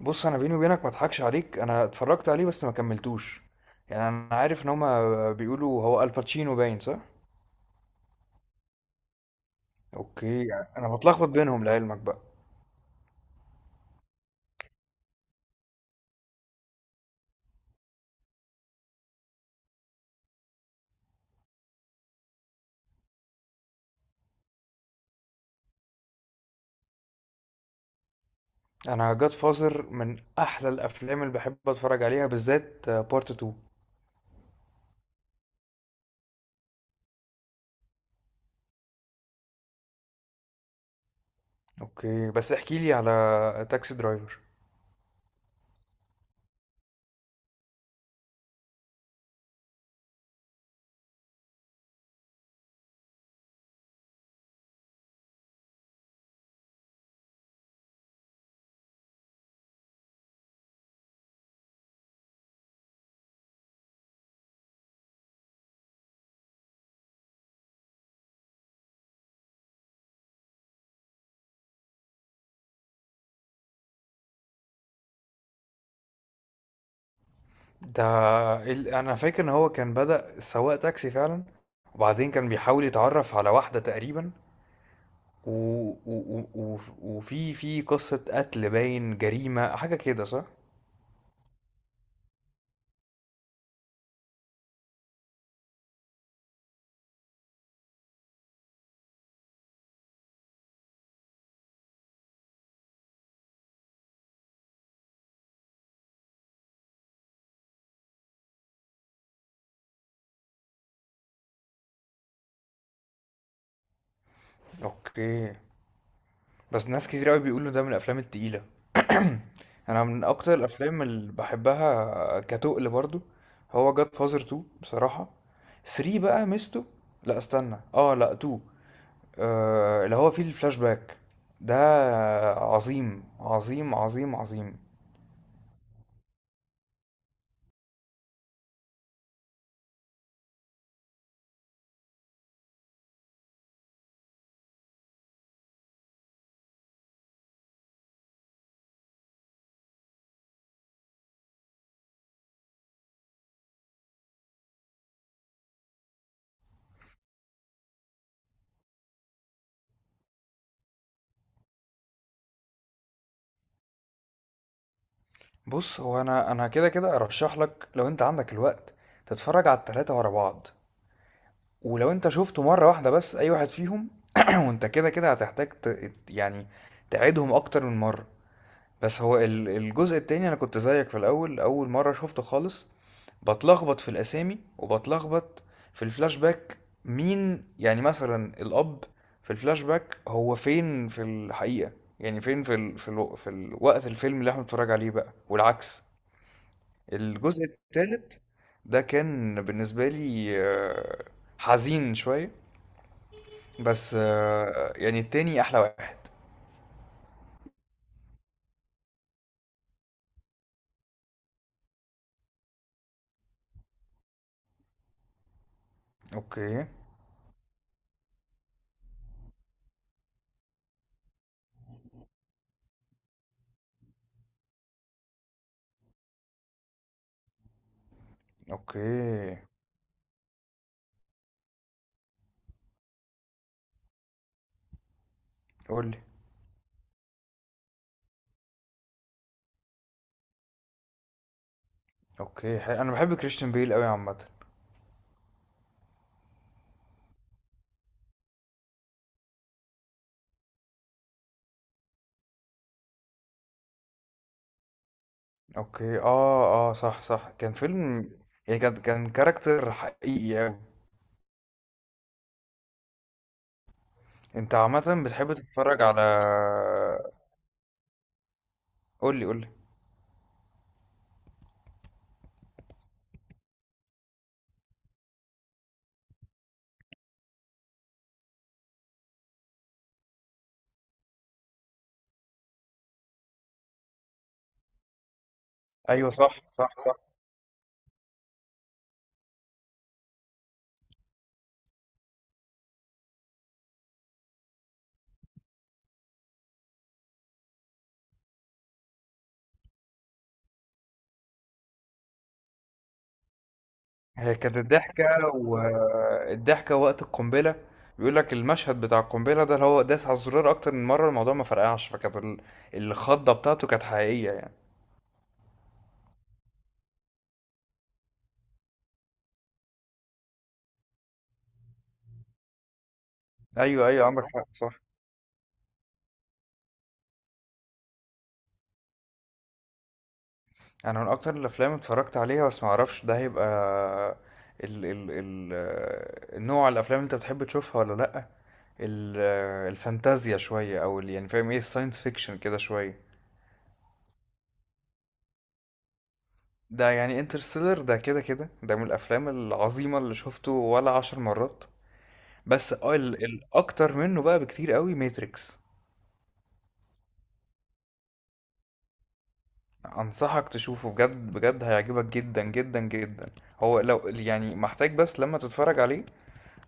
بص، انا بيني وبينك ما اضحكش عليك، انا اتفرجت عليه بس ما كملتوش. يعني انا عارف ان هما بيقولوا هو الباتشينو، باين صح. اوكي، انا بتلخبط بينهم لعلمك بقى. انا جاد فازر من احلى الافلام اللي بحب اتفرج عليها، بالذات بارت 2. اوكي، بس احكي لي على تاكسي درايفر. ده انا فاكر ان هو كان بدأ سواق تاكسي فعلا، وبعدين كان بيحاول يتعرف على واحدة تقريبا و... وفي قصة قتل، باين جريمة حاجة كده صح. اوكي، بس ناس كتير قوي بيقولوا ده من الافلام التقيلة. انا من اكتر الافلام اللي بحبها كتقل برضو. هو جاد فازر 2 بصراحة. 3 بقى مستو، لا استنى اه لا 2. آه، اللي هو فيه الفلاش باك ده، عظيم عظيم عظيم عظيم. بص، هو انا كده كده ارشح لك، لو انت عندك الوقت تتفرج على التلاتة ورا بعض. ولو انت شفته مرة واحدة بس اي واحد فيهم، وانت كده كده هتحتاج يعني تعيدهم اكتر من مرة. بس هو الجزء التاني، انا كنت زيك في الاول اول مرة شفته خالص، بتلخبط في الاسامي وبتلخبط في الفلاش باك. مين يعني مثلا الاب في الفلاش باك هو فين في الحقيقة؟ يعني فين في الوقت الفيلم اللي احنا بنتفرج عليه بقى، والعكس. الجزء التالت ده كان بالنسبة لي حزين شوية، بس يعني التاني احلى واحد. اوكي، اوكي، قول لي. اوكي، حلو. انا بحب كريستيان بيل قوي عامه. اوكي، اه، اه، صح، صح، كان فيلم. يعني كان كاركتر حقيقي قوي. انت عامه بتحب تتفرج على، قول لي، قول لي. ايوه، صح، صح، صح. هي كانت الضحكه، والضحكه وقت القنبله. بيقول لك المشهد بتاع القنبله ده اللي هو داس على الزرار اكتر من مره الموضوع ما فرقعش، فكانت الخضه بتاعته كانت حقيقيه يعني. ايوه، ايوه، عندك حق، صح. انا من اكتر الافلام اللي اتفرجت عليها، بس ما اعرفش ده هيبقى ال ال ال النوع الافلام اللي انت بتحب تشوفها ولا لا. ال الفانتازيا شويه، او يعني فاهم ايه الساينس فيكشن كده شويه. ده يعني انترستيلر ده كده كده ده من الافلام العظيمه اللي شفته ولا 10 مرات. بس اه الاكتر منه بقى بكتير قوي ماتريكس. انصحك تشوفه، بجد بجد هيعجبك جدا جدا جدا. هو لو يعني محتاج، بس لما تتفرج عليه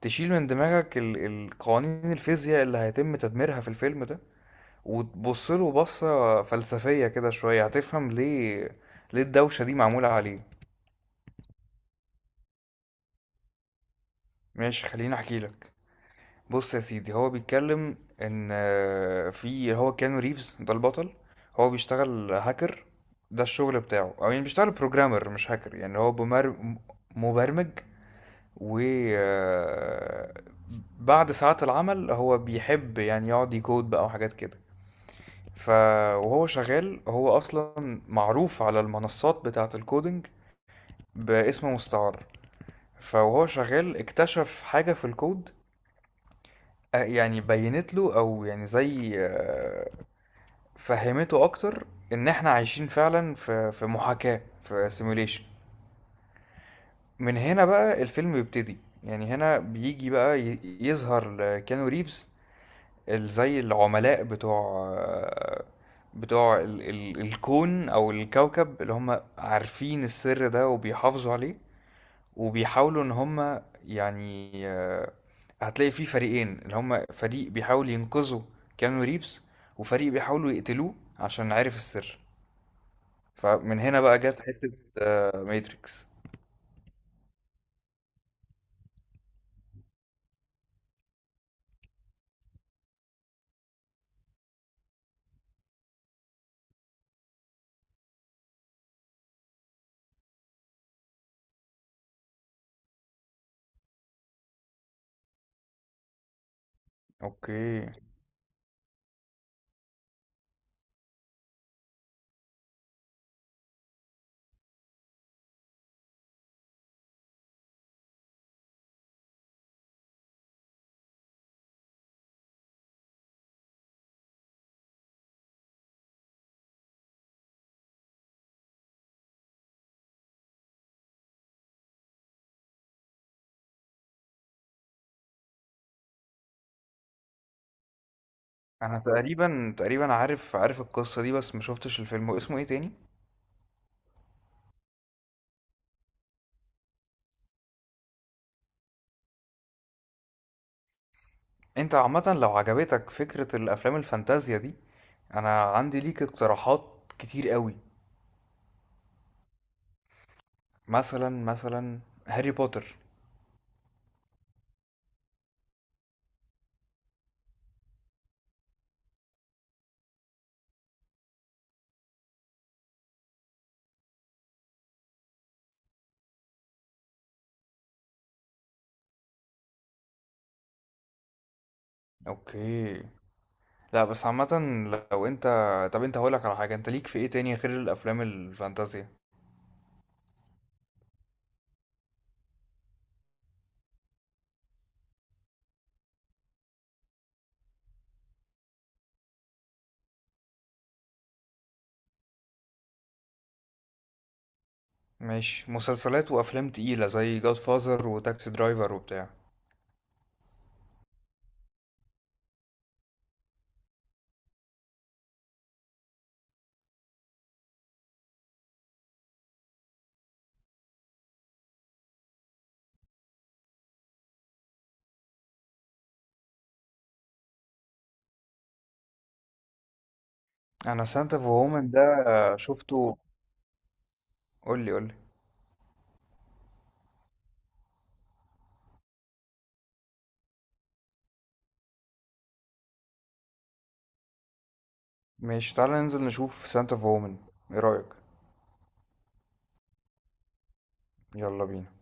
تشيل من دماغك القوانين الفيزياء اللي هيتم تدميرها في الفيلم ده، وتبص له بصة فلسفية كده شوية هتفهم ليه الدوشة دي معمولة عليه. ماشي، خليني احكي لك. بص يا سيدي، هو بيتكلم ان في هو كيانو ريفز ده البطل، هو بيشتغل هاكر. ده الشغل بتاعه، او يعني بيشتغل بروجرامر مش هاكر، يعني هو مبرمج. و آه، بعد ساعات العمل هو بيحب يعني يقعد يكود بقى وحاجات كده. ف وهو شغال هو اصلا معروف على المنصات بتاعة الكودينج باسم مستعار. فوهو شغال اكتشف حاجة في الكود، يعني بينت له او يعني زي، فهمته اكتر، ان احنا عايشين فعلا في محاكاة، في سيموليشن. من هنا بقى الفيلم بيبتدي، يعني هنا بيجي بقى يظهر كيانو ريفز زي العملاء بتوع ال ال الكون او الكوكب اللي هم عارفين السر ده وبيحافظوا عليه، وبيحاولوا ان هم يعني، هتلاقي فيه فريقين، اللي هم فريق بيحاول ينقذوا كيانو ريفز، وفريق بيحاولوا يقتلوه عشان عارف السر. فمن هنا بقى جت حتة ماتريكس. اوكي، انا تقريبا عارف القصة دي، بس ما شفتش الفيلم، واسمه ايه تاني؟ انت عامة، لو عجبتك فكرة الافلام الفانتازيا دي، انا عندي ليك اقتراحات كتير قوي. مثلا هاري بوتر. اوكي، لا، بس عامة، لو انت طب انت هقولك على حاجة، انت ليك في ايه تاني غير الافلام الفانتازيا؟ ماشي، مسلسلات وافلام تقيلة زي جاد فازر وتاكسي درايفر وبتاع. انا سانتا اوف وومن ده شفته. قولي، قولي. ماشي، تعالى ننزل نشوف سانتا اوف وومن، ايه رأيك؟ يلا بينا.